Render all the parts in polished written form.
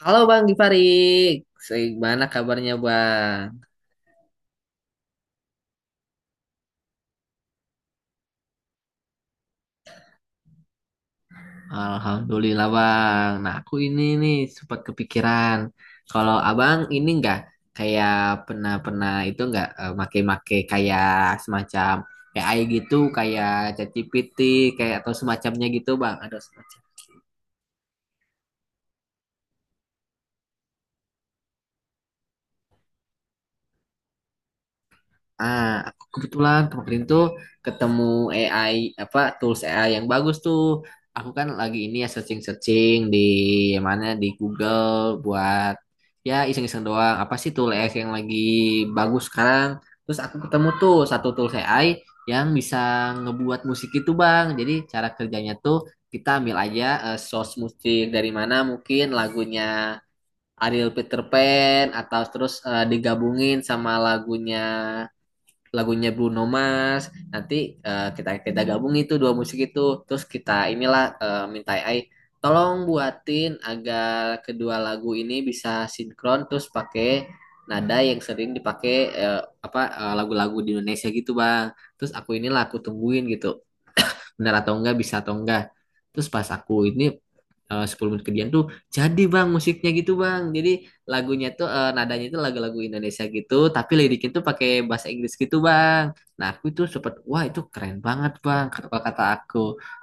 Halo Bang Gifarik, gimana kabarnya Bang? Alhamdulillah, Bang. Nah, aku ini nih sempat kepikiran kalau Abang ini enggak kayak pernah pernah itu, enggak, make-make kayak semacam AI gitu, kayak ChatGPT kayak atau semacamnya gitu, Bang. Ada semacam. Ah, aku kebetulan kemarin tuh ketemu AI, apa, tools AI yang bagus tuh. Aku kan lagi ini ya searching-searching di mana, di Google, buat ya iseng-iseng doang. Apa sih tool AI yang lagi bagus sekarang? Terus aku ketemu tuh satu tools AI yang bisa ngebuat musik itu, Bang. Jadi cara kerjanya tuh kita ambil aja source musik dari mana, mungkin lagunya Ariel Peter Pan atau terus digabungin sama lagunya lagunya Bruno Mars, nanti kita kita gabung itu dua musik itu, terus kita inilah, minta A I tolong buatin agar kedua lagu ini bisa sinkron, terus pakai nada yang sering dipakai, lagu-lagu di Indonesia gitu, Bang. Terus aku inilah, aku tungguin gitu, benar atau enggak, bisa atau enggak. Terus pas aku ini, 10 menit kemudian tuh, jadi, Bang, musiknya gitu, Bang. Jadi lagunya tuh nadanya itu lagu-lagu Indonesia gitu, tapi liriknya tuh pakai bahasa Inggris gitu, Bang. Nah, aku tuh sempet, "Wah, itu keren banget, Bang," kata kata aku.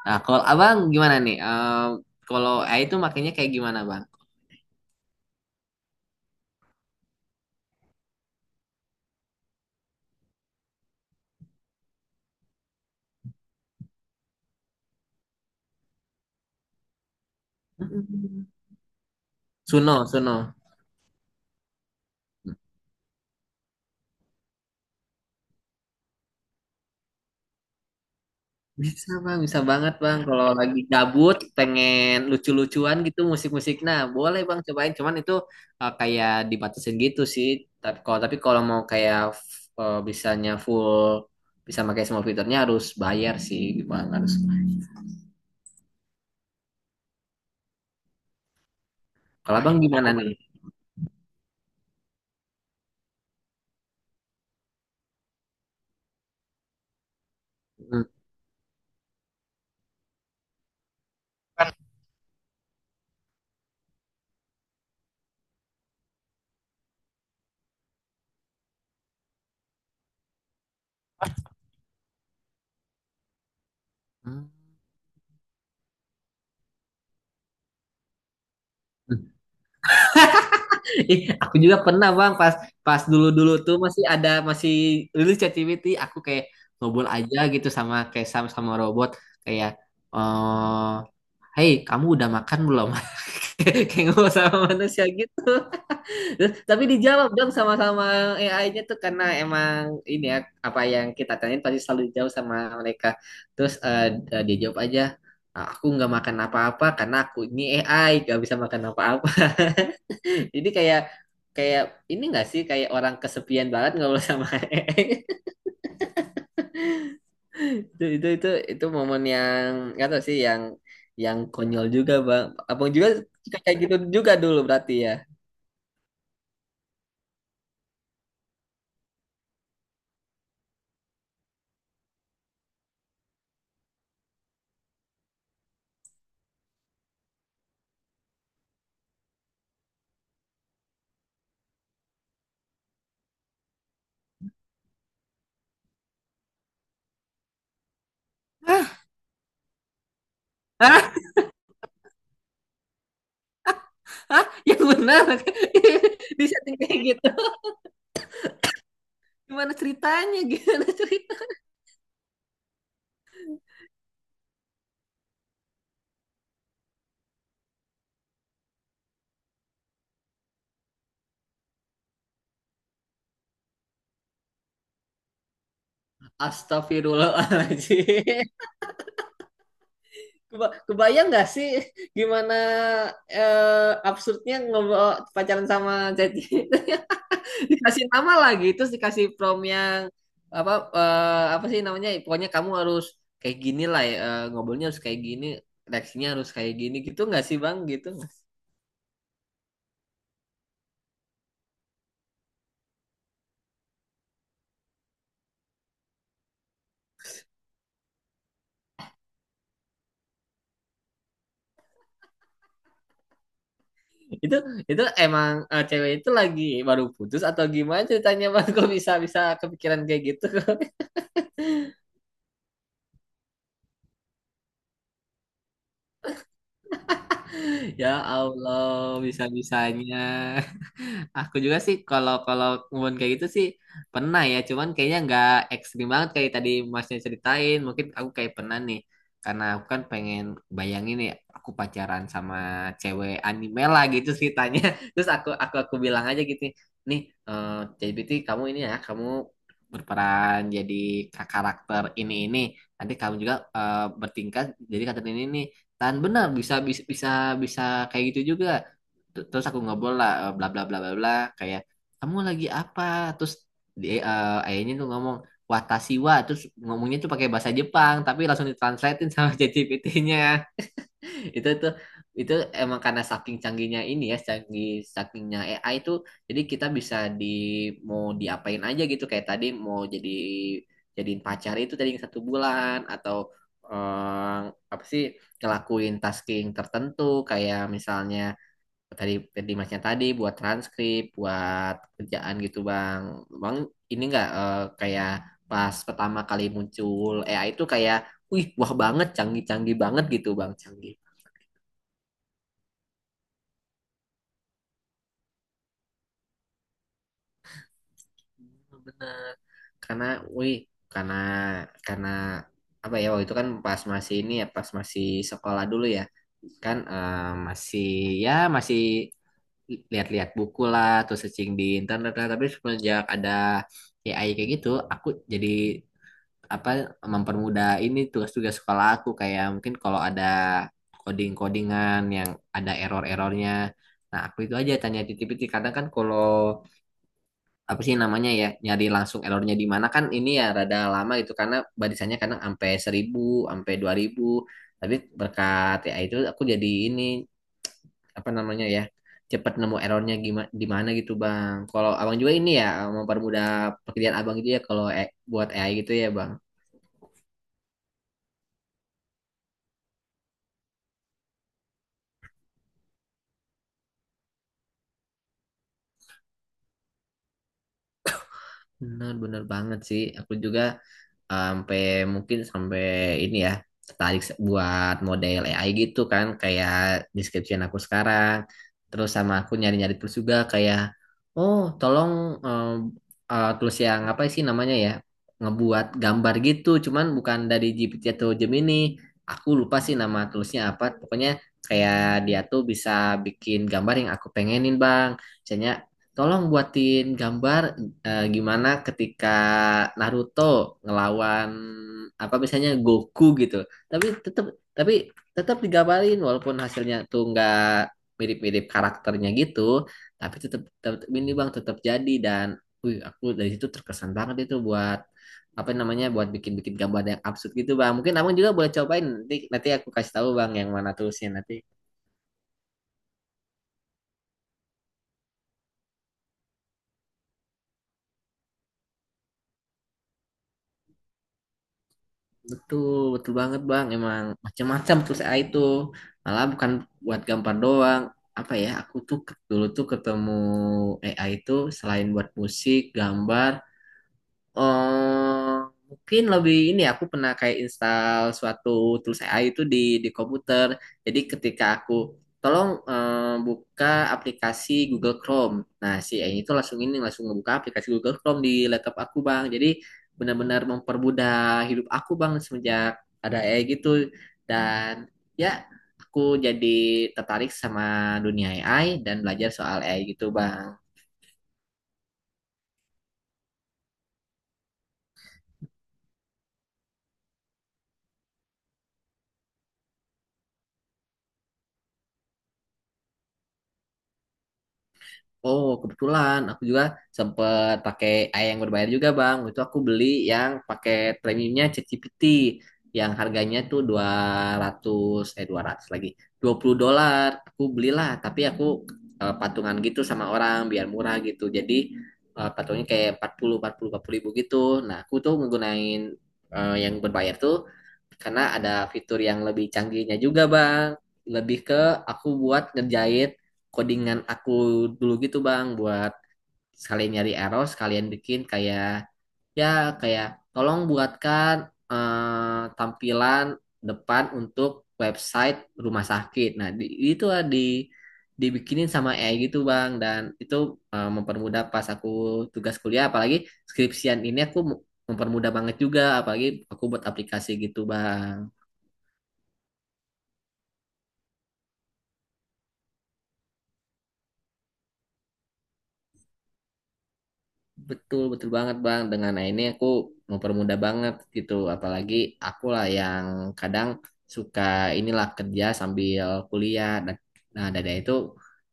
Nah, kalau Abang gimana nih? Kalau itu, makanya, kayak gimana, Bang? Suno, Suno. Bisa, Bang, bisa banget, Bang. Kalau lagi gabut, pengen lucu-lucuan gitu, musik-musik. Nah, boleh, Bang, cobain. Cuman itu kayak dibatasin gitu sih. Tapi kalau mau kayak bisanya full, bisa pakai semua fiturnya, harus bayar sih, Bang. Harus. Nah, Bang, gimana nih? Hmm. Kan. Hmm. Aku juga pernah, Bang, pas pas dulu-dulu tuh masih ada, masih rilis ChatGPT, aku kayak ngobrol aja gitu sama, kayak, sama sama robot, kayak, eh "Hey, kamu udah makan belum?" kayak kayak ngobrol sama manusia gitu. Terus, tapi dijawab dong sama-sama AI-nya tuh, karena emang ini ya, apa yang kita tanyain pasti selalu dijawab sama mereka. Terus dia jawab aja, "Ah, aku nggak makan apa-apa karena aku ini AI, gak bisa makan apa-apa." Ini kayak, kayak ini nggak sih, kayak orang kesepian banget ngobrol sama Eeng. Itu momen yang, nggak tahu sih, yang konyol juga, Bang. Abang juga kayak gitu juga dulu berarti, ya? Hah? Hah? Hah? Yang benar? di setting kayak gitu. Gimana ceritanya? Gimana cerita? Astagfirullahaladzim. Kebayang nggak sih gimana absurdnya ngobrol, pacaran sama Ceci? Dikasih nama lagi, terus dikasih prom yang apa, apa sih namanya, pokoknya kamu harus kayak gini lah, ya, ngobrolnya harus kayak gini, reaksinya harus kayak gini, gitu nggak sih, Bang, gitu nggak sih? itu itu emang, cewek itu lagi baru putus atau gimana ceritanya, Bang? Kok bisa bisa kepikiran kayak gitu? Ya Allah, bisa bisanya. Aku juga sih kalau kalau ngomong kayak gitu sih pernah ya, cuman kayaknya nggak ekstrim banget kayak tadi masnya ceritain. Mungkin aku kayak pernah nih, karena aku kan pengen bayangin ya aku pacaran sama cewek anime lah gitu ceritanya. Terus aku bilang aja gitu, nih eh JBT, kamu ini ya, kamu berperan jadi karakter ini ini. Nanti kamu juga bertingkat jadi karakter ini nih. Dan benar bisa bisa bisa bisa kayak gitu juga. Terus aku ngobrol lah, bla bla bla bla bla, kayak, "Kamu lagi apa?" Terus dia, ayahnya tuh ngomong "Watashiwa," terus ngomongnya tuh pakai bahasa Jepang tapi langsung ditranslatein sama ChatGPT-nya. Itu tuh itu emang karena saking canggihnya, ini ya, canggih sakingnya AI itu. Jadi kita bisa di mau diapain aja gitu, kayak tadi mau jadi jadiin pacar itu tadi yang 1 bulan, atau eh, apa sih, ngelakuin tasking tertentu kayak misalnya tadi tadi masnya tadi, buat transkrip buat kerjaan gitu, bang bang Ini enggak kayak pas pertama kali muncul AI itu, kayak, "Wih, wah banget, canggih-canggih banget," gitu, Bang. Canggih bener, karena, wih, karena karena apa ya, waktu itu kan pas masih ini ya, pas masih sekolah dulu ya, kan, masih ya masih lihat-lihat buku lah, terus searching di internet lah, tapi semenjak ada AI kayak gitu aku jadi, apa, mempermudah ini tugas-tugas sekolah aku. Kayak mungkin kalau ada coding-codingan yang ada error-errornya. Nah, aku itu aja tanya, titip-titip. Kadang kan kalau apa sih namanya ya, nyari langsung errornya di mana, kan ini ya rada lama gitu karena barisannya kadang sampai 1.000, sampai 2.000. Tapi berkat ya itu aku jadi ini, apa namanya ya, cepat nemu errornya gimana, di mana gitu, Bang. Kalau Abang juga ini ya mempermudah pekerjaan Abang gitu ya kalau buat AI gitu ya, Bang. Benar, benar banget sih. Aku juga sampai mungkin sampai ini ya tertarik buat model AI gitu kan, kayak description aku sekarang. Terus sama aku nyari-nyari terus juga kayak, oh, tolong, em, terus yang apa sih namanya ya, ngebuat gambar gitu. Cuman bukan dari GPT atau Gemini. Aku lupa sih nama toolsnya apa. Pokoknya kayak dia tuh bisa bikin gambar yang aku pengenin, Bang. Misalnya tolong buatin gambar gimana ketika Naruto ngelawan apa misalnya Goku gitu. Tapi tetap tapi tetap digambarin walaupun hasilnya tuh nggak mirip-mirip karakternya gitu, tapi tetap tetap ini, Bang, tetap jadi. Dan wih, aku dari situ terkesan banget itu buat, apa namanya, buat bikin-bikin gambar yang absurd gitu, Bang. Mungkin Abang juga boleh cobain nanti nanti aku kasih tahu, Bang, yang mana tulisnya nanti. Betul, betul banget, Bang. Emang macam-macam tuh saya itu. Malah bukan buat gambar doang. Apa ya, aku tuh, dulu tuh ketemu AI itu selain buat musik, gambar, eh mungkin lebih ini ya, aku pernah kayak install suatu tools AI itu di komputer. Jadi ketika aku, "Tolong, buka aplikasi Google Chrome," nah, si AI itu langsung ini, langsung ngebuka aplikasi Google Chrome di laptop aku, Bang. Jadi benar-benar mempermudah hidup aku, Bang, semenjak ada AI gitu. Dan ya, aku jadi tertarik sama dunia AI dan belajar soal AI gitu, Bang. Oh, kebetulan aku juga sempet pakai AI yang berbayar juga, Bang. Itu aku beli yang pakai premiumnya ChatGPT yang harganya tuh 200, eh, 200 lagi. $20. Aku belilah, tapi aku, patungan gitu sama orang biar murah gitu. Jadi, patungnya kayak empat empat puluh empat puluh empat puluh ribu gitu. Nah, aku tuh menggunain, yang berbayar tuh karena ada fitur yang lebih canggihnya juga, Bang. Lebih ke aku buat ngerjain codingan aku dulu gitu, Bang, buat sekalian nyari error, sekalian bikin kayak, ya, kayak "Tolong buatkan tampilan depan untuk website rumah sakit." Nah, itu lah, di dibikinin sama AI gitu, Bang, dan itu, mempermudah pas aku tugas kuliah. Apalagi skripsian ini aku mempermudah banget juga, apalagi aku buat aplikasi gitu, Bang. Betul, betul banget, Bang. Dengan, nah, ini aku mempermudah banget gitu. Apalagi aku lah yang kadang suka inilah kerja sambil kuliah. Nah, dari itu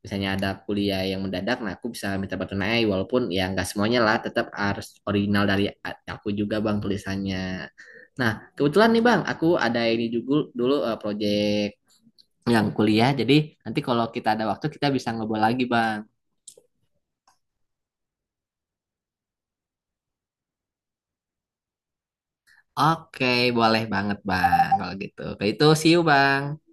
misalnya ada kuliah yang mendadak, nah aku bisa minta bantu naik, walaupun ya nggak semuanya lah, tetap harus original dari aku juga, Bang, tulisannya. Nah, kebetulan nih, Bang, aku ada ini juga dulu, project yang kuliah. Jadi nanti kalau kita ada waktu kita bisa ngobrol lagi, Bang. Oke, boleh banget, Bang, kalau gitu. Kayak itu, see you, Bang.